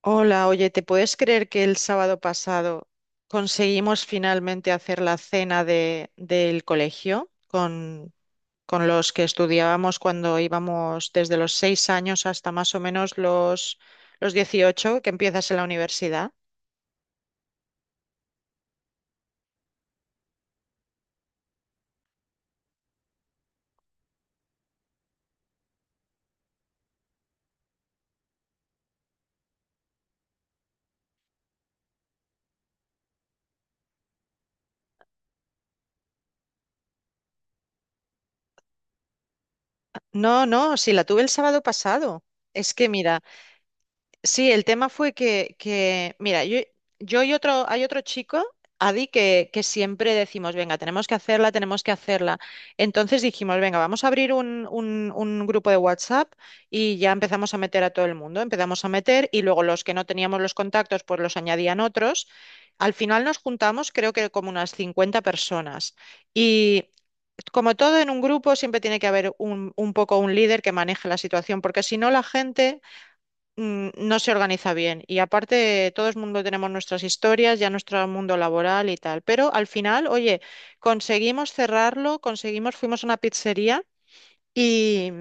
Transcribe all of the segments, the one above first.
Hola, oye, ¿te puedes creer que el sábado pasado conseguimos finalmente hacer la cena del colegio con los que estudiábamos cuando íbamos desde los 6 años hasta más o menos los 18 que empiezas en la universidad? No, no, sí, la tuve el sábado pasado. Es que mira, sí, el tema fue que mira, yo y otro, hay otro chico, Adi, que siempre decimos, venga, tenemos que hacerla, tenemos que hacerla. Entonces dijimos, venga, vamos a abrir un grupo de WhatsApp y ya empezamos a meter a todo el mundo, empezamos a meter y luego los que no teníamos los contactos, pues los añadían otros. Al final nos juntamos, creo que como unas 50 personas. Y como todo en un grupo, siempre tiene que haber un poco un líder que maneje la situación, porque si no la gente no se organiza bien. Y aparte, todo el mundo tenemos nuestras historias, ya nuestro mundo laboral y tal. Pero al final, oye, conseguimos cerrarlo, conseguimos, fuimos a una pizzería y,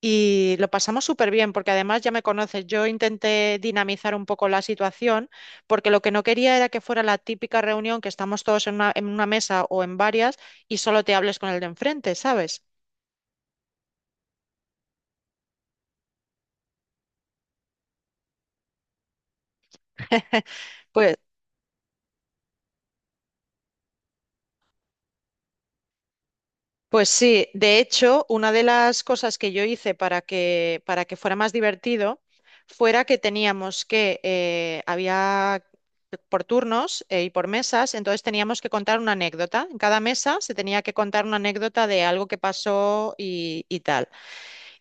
y lo pasamos súper bien, porque además ya me conoces, yo intenté dinamizar un poco la situación, porque lo que no quería era que fuera la típica reunión que estamos todos en una mesa o en varias y solo te hables con el de enfrente, ¿sabes? Pues pues sí, de hecho, una de las cosas que yo hice para que fuera más divertido fuera que teníamos que, había por turnos y por mesas, entonces teníamos que contar una anécdota. En cada mesa se tenía que contar una anécdota de algo que pasó y tal.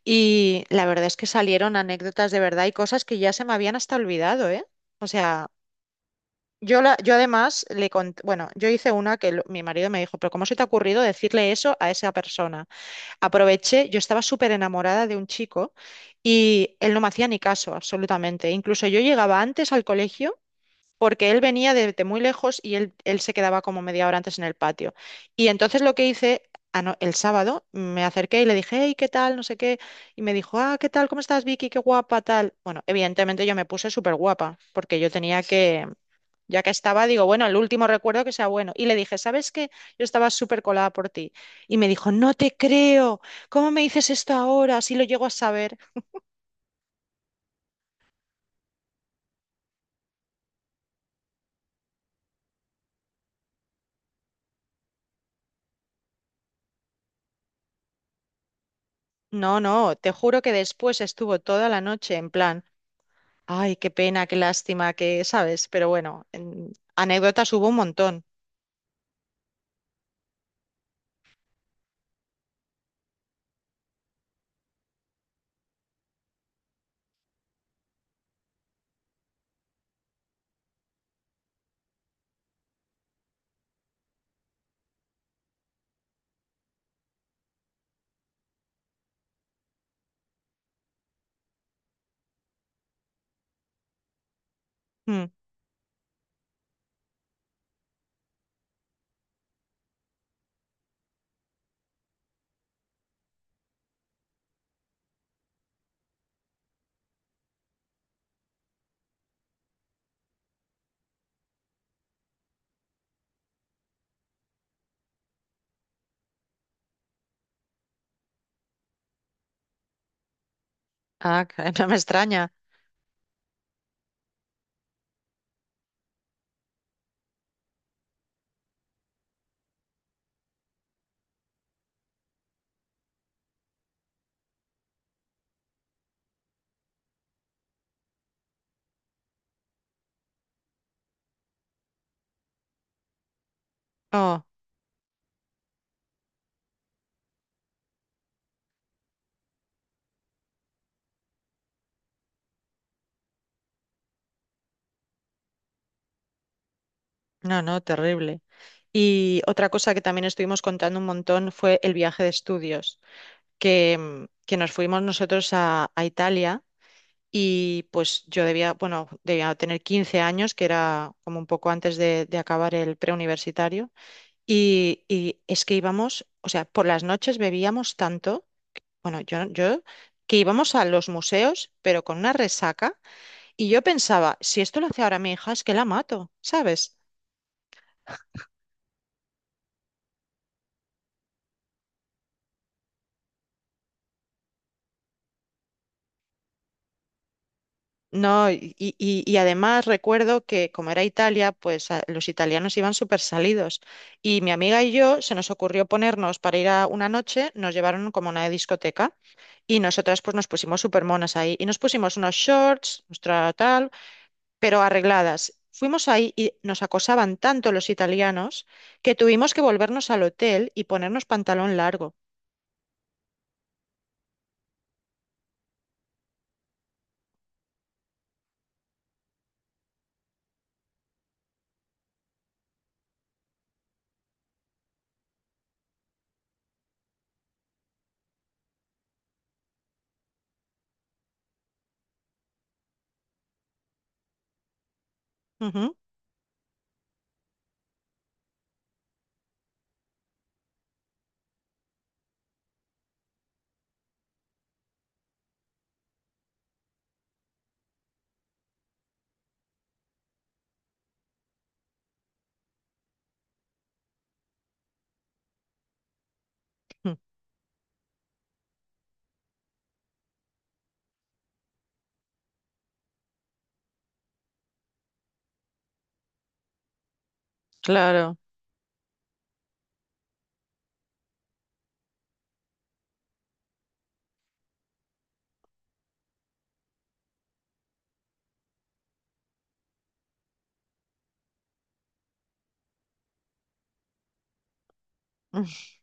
Y la verdad es que salieron anécdotas de verdad y cosas que ya se me habían hasta olvidado, ¿eh? O sea, yo además bueno, yo hice una mi marido me dijo, pero ¿cómo se te ha ocurrido decirle eso a esa persona? Aproveché, yo estaba súper enamorada de un chico y él no me hacía ni caso, absolutamente. Incluso yo llegaba antes al colegio porque él venía de muy lejos y él se quedaba como media hora antes en el patio. Y entonces lo que hice, el sábado me acerqué y le dije, hey, ¿qué tal? No sé qué. Y me dijo, ah, ¿qué tal? ¿Cómo estás, Vicky? Qué guapa, tal. Bueno, evidentemente yo me puse súper guapa porque yo tenía ya que estaba, digo, bueno, el último recuerdo que sea bueno. Y le dije, ¿sabes qué? Yo estaba súper colada por ti. Y me dijo, no te creo. ¿Cómo me dices esto ahora? Si lo llego a saber. No, no, te juro que después estuvo toda la noche en plan, ay, qué pena, qué lástima, que, ¿sabes? Pero bueno, anécdotas hubo un montón. Mm. Ah, que no me extraña. Oh, no, no, terrible. Y otra cosa que también estuvimos contando un montón fue el viaje de estudios, que nos fuimos nosotros a Italia. Y pues yo debía, bueno, debía tener 15 años, que era como un poco antes de acabar el preuniversitario. Y es que íbamos, o sea, por las noches bebíamos tanto, bueno, yo que íbamos a los museos, pero con una resaca. Y yo pensaba, si esto lo hace ahora mi hija, es que la mato, ¿sabes? No, y además recuerdo que como era Italia, pues los italianos iban súper salidos. Y mi amiga y yo se nos ocurrió ponernos para ir a una noche, nos llevaron como a una discoteca y nosotras pues nos pusimos súper monas ahí y nos pusimos unos shorts, nuestra tal, pero arregladas. Fuimos ahí y nos acosaban tanto los italianos que tuvimos que volvernos al hotel y ponernos pantalón largo. Ujú. Claro.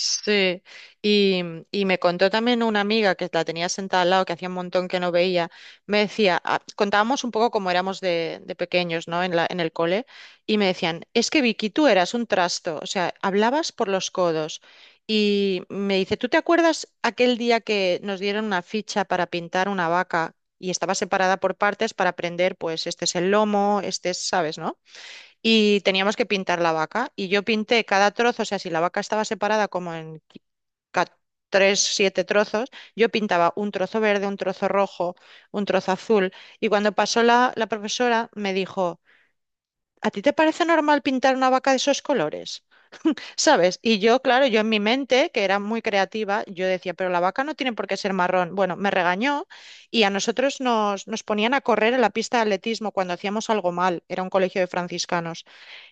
Sí, y me contó también una amiga que la tenía sentada al lado, que hacía un montón que no veía, me decía, ah, contábamos un poco cómo éramos de pequeños, ¿no? En el cole, y me decían, es que Vicky, tú eras un trasto, o sea, hablabas por los codos. Y me dice, ¿tú te acuerdas aquel día que nos dieron una ficha para pintar una vaca y estaba separada por partes para aprender, pues este es el lomo, este es, ¿sabes, no? Y teníamos que pintar la vaca. Y yo pinté cada trozo, o sea, si la vaca estaba separada como en ca- tres, siete trozos, yo pintaba un trozo verde, un trozo rojo, un trozo azul. Y cuando pasó la profesora, me dijo, ¿a ti te parece normal pintar una vaca de esos colores? ¿Sabes? Y yo, claro, yo en mi mente, que era muy creativa, yo decía, pero la vaca no tiene por qué ser marrón. Bueno, me regañó y a nosotros nos ponían a correr en la pista de atletismo cuando hacíamos algo mal. Era un colegio de franciscanos.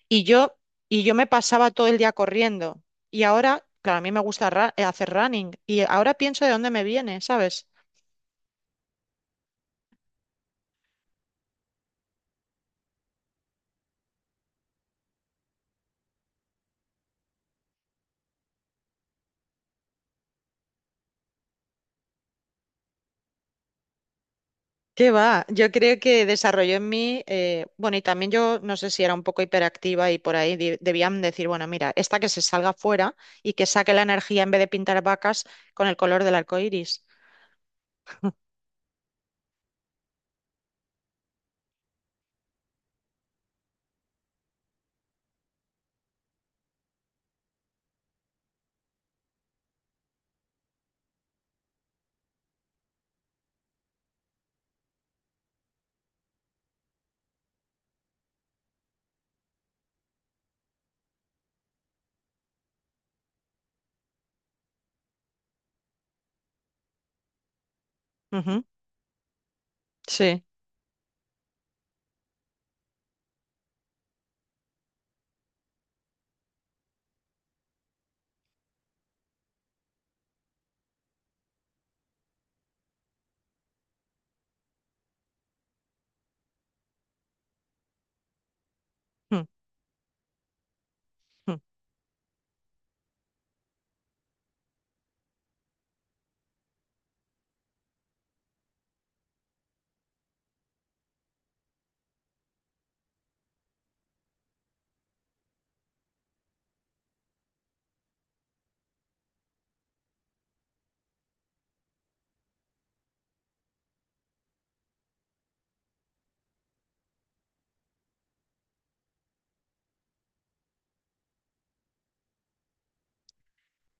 Y yo, y yo me pasaba todo el día corriendo. Y ahora, claro, a mí me gusta hacer running. Y ahora pienso de dónde me viene, ¿sabes? ¿Qué va? Yo creo que desarrolló en mí, bueno, y también yo no sé si era un poco hiperactiva y por ahí debían decir, bueno, mira, esta que se salga fuera y que saque la energía en vez de pintar vacas con el color del arco iris. Ujú, sí. Mm,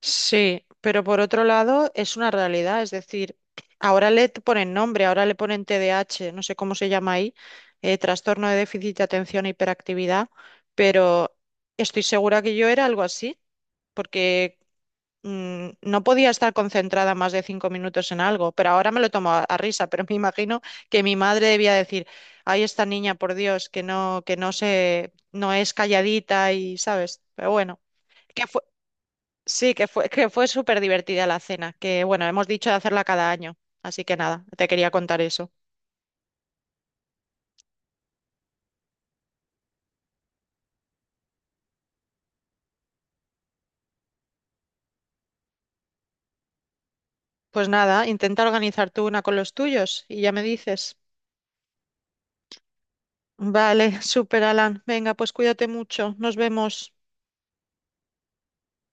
sí, pero por otro lado es una realidad, es decir, ahora ponen nombre, ahora le ponen TDAH, no sé cómo se llama ahí, trastorno de déficit de atención e hiperactividad, pero estoy segura que yo era algo así, porque no podía estar concentrada más de 5 minutos en algo, pero ahora me lo tomo a risa, pero me imagino que mi madre debía decir, ay, esta niña, por Dios, que no se, no es calladita y, ¿sabes? Pero bueno. Sí, que fue súper divertida la cena, que bueno, hemos dicho de hacerla cada año, así que nada, te quería contar eso. Pues nada, intenta organizar tú una con los tuyos y ya me dices. Vale, súper Alan, venga, pues cuídate mucho, nos vemos.